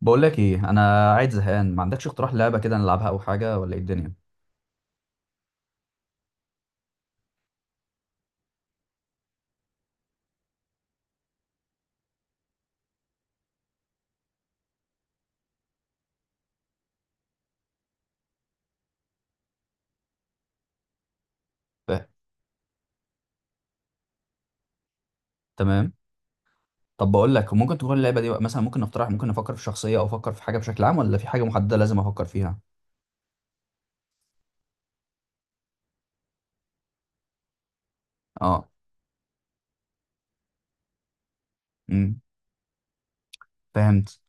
بقول لك ايه، انا قاعد زهقان، ما عندكش اقتراح لعبه كده نلعبها او حاجه؟ ولا ايه الدنيا؟ فاهم. تمام. طب بقول لك، ممكن تكون اللعبه دي بقى مثلا، ممكن نقترح، ممكن نفكر في شخصيه، او افكر في حاجه بشكل عام، ولا في حاجه محدده لازم افكر فيها؟ اه. امم فهمت.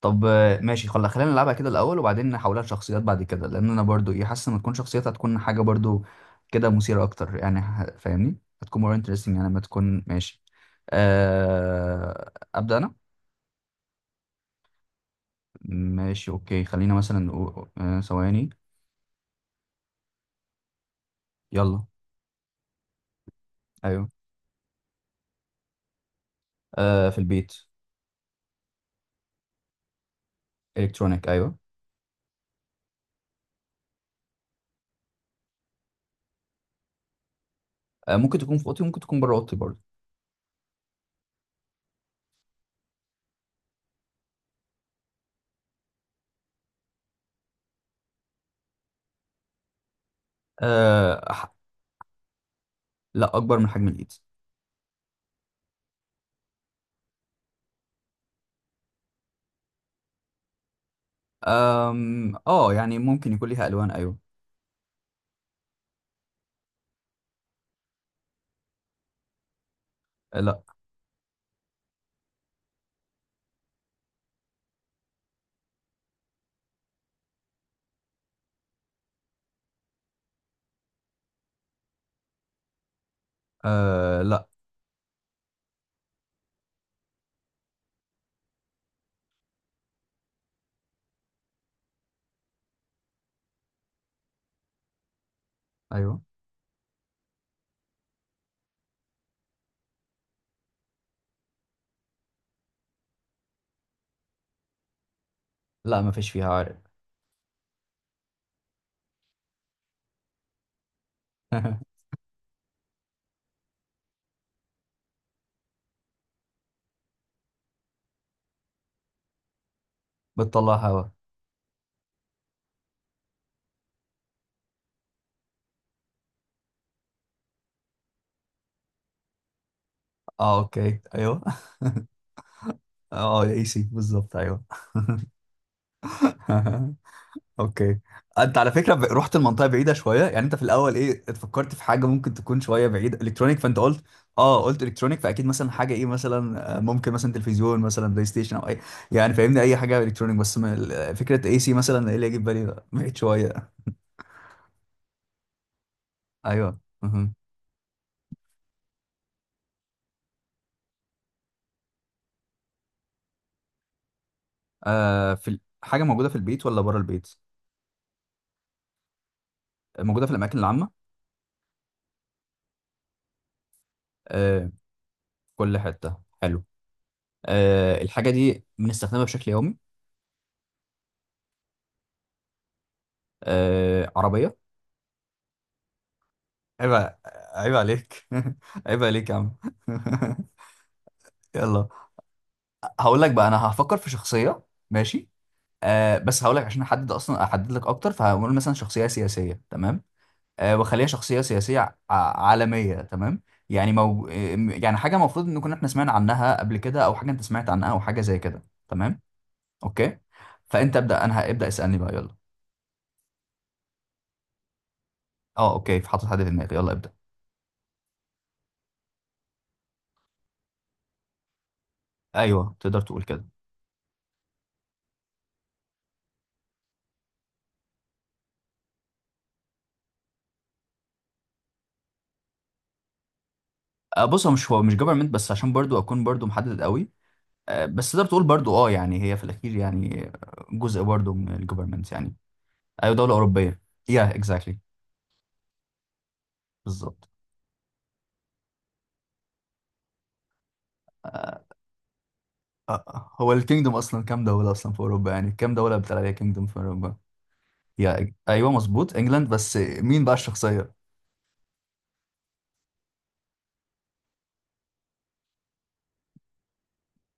طب ماشي، خلينا نلعبها كده الاول، وبعدين نحولها لشخصيات بعد كده، لان انا برضو ايه، حاسس ان تكون شخصيات هتكون حاجه برضو كده مثيره اكتر يعني. فاهمني؟ هتكون more interesting يعني، لما تكون ماشي. ابدا انا. ماشي اوكي، خلينا مثلا ثواني. يلا. ايوه. آه في البيت. الكترونيك ايوه. آه ممكن تكون في اوضتي، ممكن تكون بره اوضتي برضه. آه ح- لا، اكبر من حجم الايد. اه يعني ممكن يكون ليها الوان ايوه. لا. آه لا. ايوه. لا ما فيش فيها عارق. بتطلع هوا. اه اوكي ايوه. اه اي سي بالظبط ايوه. اوكي. انت على فكره رحت المنطقه بعيده شويه يعني. انت في الاول ايه اتفكرت في حاجه ممكن تكون شويه بعيده؟ الكترونيك، فانت قلت. اه قلت الكترونيك، فاكيد مثلا حاجه ايه، مثلا ممكن مثلا تلفزيون، مثلا بلاي ستيشن، او اي. يعني فاهمني، اي حاجه الكترونيك. بس من فكره اي سي مثلا، ايه اللي يجي في بالي ده؟ بعيد شويه. ايوه مهم. آه في حاجه موجوده في البيت ولا بره البيت؟ موجوده في الاماكن العامه؟ آه في كل حته. حلو. آه الحاجه دي بنستخدمها بشكل يومي؟ آه عربيه. عيب ع- عيب عليك. عيب عليك يا عم. يلا. هقول لك بقى، انا هفكر في شخصيه. ماشي. آه بس هقول لك، عشان احدد، اصلا احدد لك اكتر، فهقول مثلا شخصيه سياسيه. تمام. آه وخليها شخصيه سياسيه عالميه. تمام. يعني يعني حاجه المفروض ان كنا احنا سمعنا عنها قبل كده، او حاجه انت سمعت عنها، او حاجه زي كده. تمام. اوكي. فانت ابدا، انا هبدا اسالني بقى، يلا. اه اوكي، في حاطط حد في دماغي، يلا ابدا. ايوه تقدر تقول كده. آه، بص هو مش جفرمنت، بس عشان برضو اكون برضو محدد قوي. بس تقدر تقول برضو اه، يعني هي في الاخير يعني جزء برضو من الجوفرمنت يعني. ايوه دوله اوروبيه. يا اكزاكتلي. بالظبط. آه، هو الكينجدوم اصلا كام دوله اصلا في اوروبا؟ يعني كام دوله بتاع عليها كينجدوم في اوروبا؟ يا ايوه مظبوط انجلاند، بس مين بقى الشخصيه؟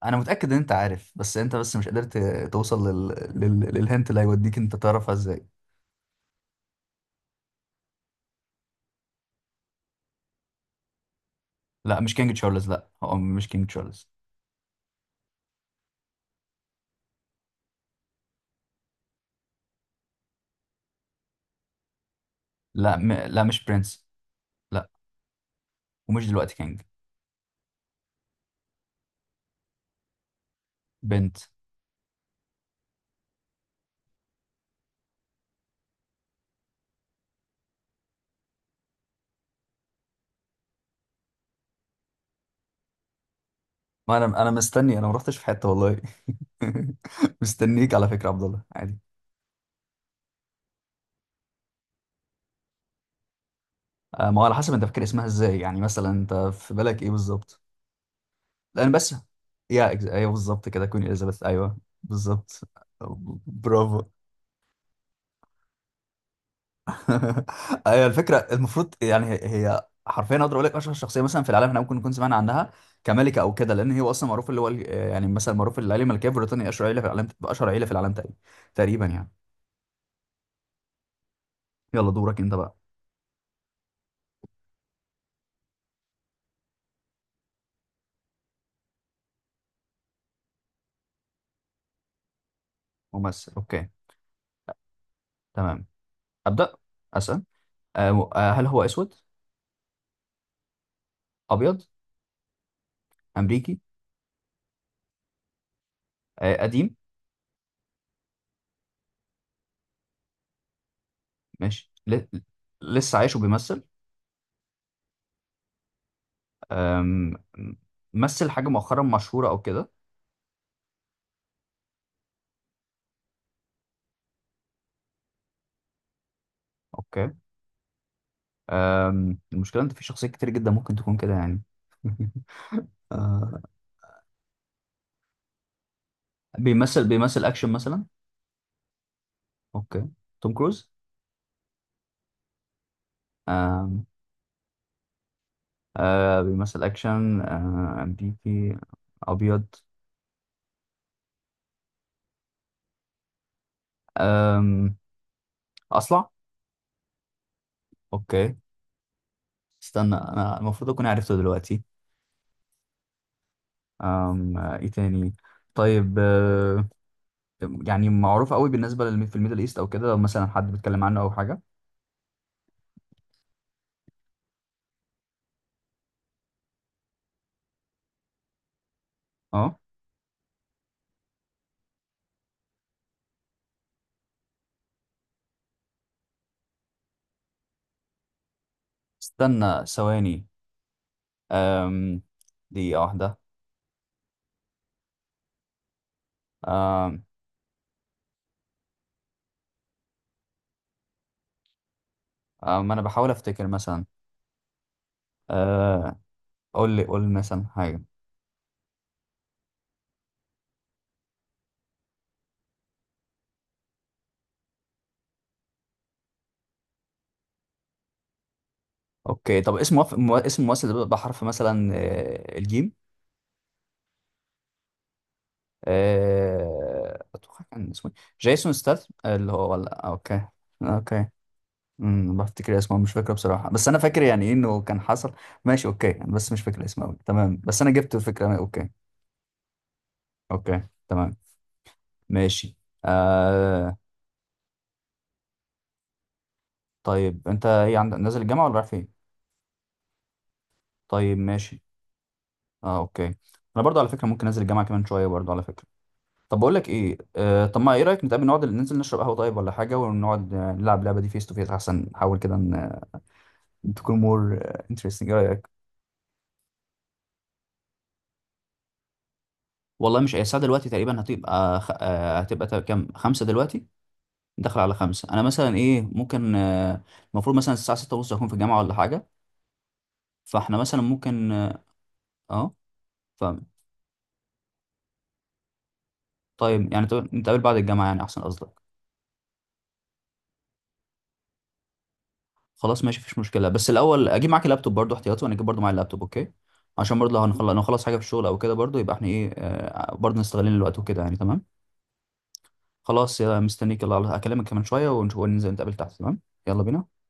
انا متاكد ان انت عارف، بس انت مش قدرت توصل للهنت اللي هيوديك انت تعرفها ازاي. لا مش كينج تشارلز، لا هو مش كينج تشارلز. لا مش برنس. لا. ومش دلوقتي كينج. بنت. ما انا مستني، انا ما رحتش في حته والله. مستنيك على فكره يا عبد الله عادي. ما هو على حسب انت فاكر اسمها ازاي، يعني مثلا انت في بالك ايه بالظبط؟ لان بس. ايوه بالظبط كده، كوين اليزابيث، ايوه بالظبط. برافو. ايوه الفكره المفروض، يعني هي حرفيا اقدر اقول لك اشهر شخصيه مثلا في العالم احنا ممكن نكون سمعنا عنها، كملكه او كده، لان هي اصلا معروف اللي هو يعني مثلا معروف العيله الملكيه في بريطانيا اشهر عيله في العالم، اشهر عيله في العالم تقريبا. تقريبا يعني. يلا دورك انت بقى. ممثل اوكي. تمام. أبدأ. أسأل. هل هو أسود؟ أبيض؟ أمريكي؟ قديم؟ ماشي. لسه عايش وبيمثل؟ آم، مثل حاجة مؤخرا مشهورة أو كده؟ أوكي. المشكلة إن في شخصيات كتير جدا ممكن تكون كده يعني. آه، بيمثل أكشن مثلا؟ أوكي. توم كروز؟ آم، آه، بيمثل أكشن، أمريكي، أبيض. آم، أصلع؟ أوكي. استنى أنا المفروض أكون عرفته دلوقتي. أم آه، ايه تاني؟ طيب يعني معروف قوي بالنسبه للمي في الميدل ايست او كده، لو مثلا حد بيتكلم عنه او حاجه؟ اه استنى ثواني. أم، دقيقه واحده. أم، أم، انا بحاول افتكر مثلا. أه، قول لي، مثلا حاجه. اوكي، طب اسم اسم الممثل ده بيبدأ بحرف مثلا الجيم؟ اتوقع كان اسمه إيه؟ جيسون ستاثام اللي هو، ولا اوكي. اوكي. بفتكر اسمه، مش فاكره بصراحه، بس انا فاكر يعني ايه انه كان حصل. ماشي اوكي، أنا بس مش فاكر اسمه قوي تمام، بس انا جبت الفكره، اوكي. اوكي. تمام. ماشي. آه طيب انت ايه عندك، نازل الجامعه ولا رايح فين؟ طيب ماشي. اه اوكي. انا برضو على فكره ممكن انزل الجامعه كمان شويه برضو على فكره. طب بقول لك ايه، طب ما ايه رايك نتقابل نقعد ننزل نشرب قهوه طيب، ولا حاجه، ونقعد نلعب اللعبه دي فيس تو فيس؟ احسن، نحاول كده ان تكون مور انترستنج. ايه رايك؟ والله مش الساعه دلوقتي تقريبا، هتبقى خ... آه، هتبقى تا- كام؟ 5 دلوقتي؟ داخل على 5. أنا مثلا إيه ممكن المفروض مثلا الساعة 6:30 أكون في الجامعة ولا حاجة، فإحنا مثلا ممكن أه آه، فاهم؟ طيب يعني نتقابل بعد الجامعة يعني، أحسن قصدك. خلاص ماشي، مفيش مشكلة، بس الأول أجيب معاك اللابتوب برضو احتياطي، وأنا أجيب برضو معايا اللابتوب أوكي. عشان برضو لو هنخلص، لو نخلص حاجة في الشغل أو كده، برضو يبقى إحنا إيه برضو نستغلين الوقت وكده يعني. تمام. خلاص يا مستنيك، يلا أكلمك كمان شوية ونشوف وننزل نتقابل تحت. تمام. يلا بينا.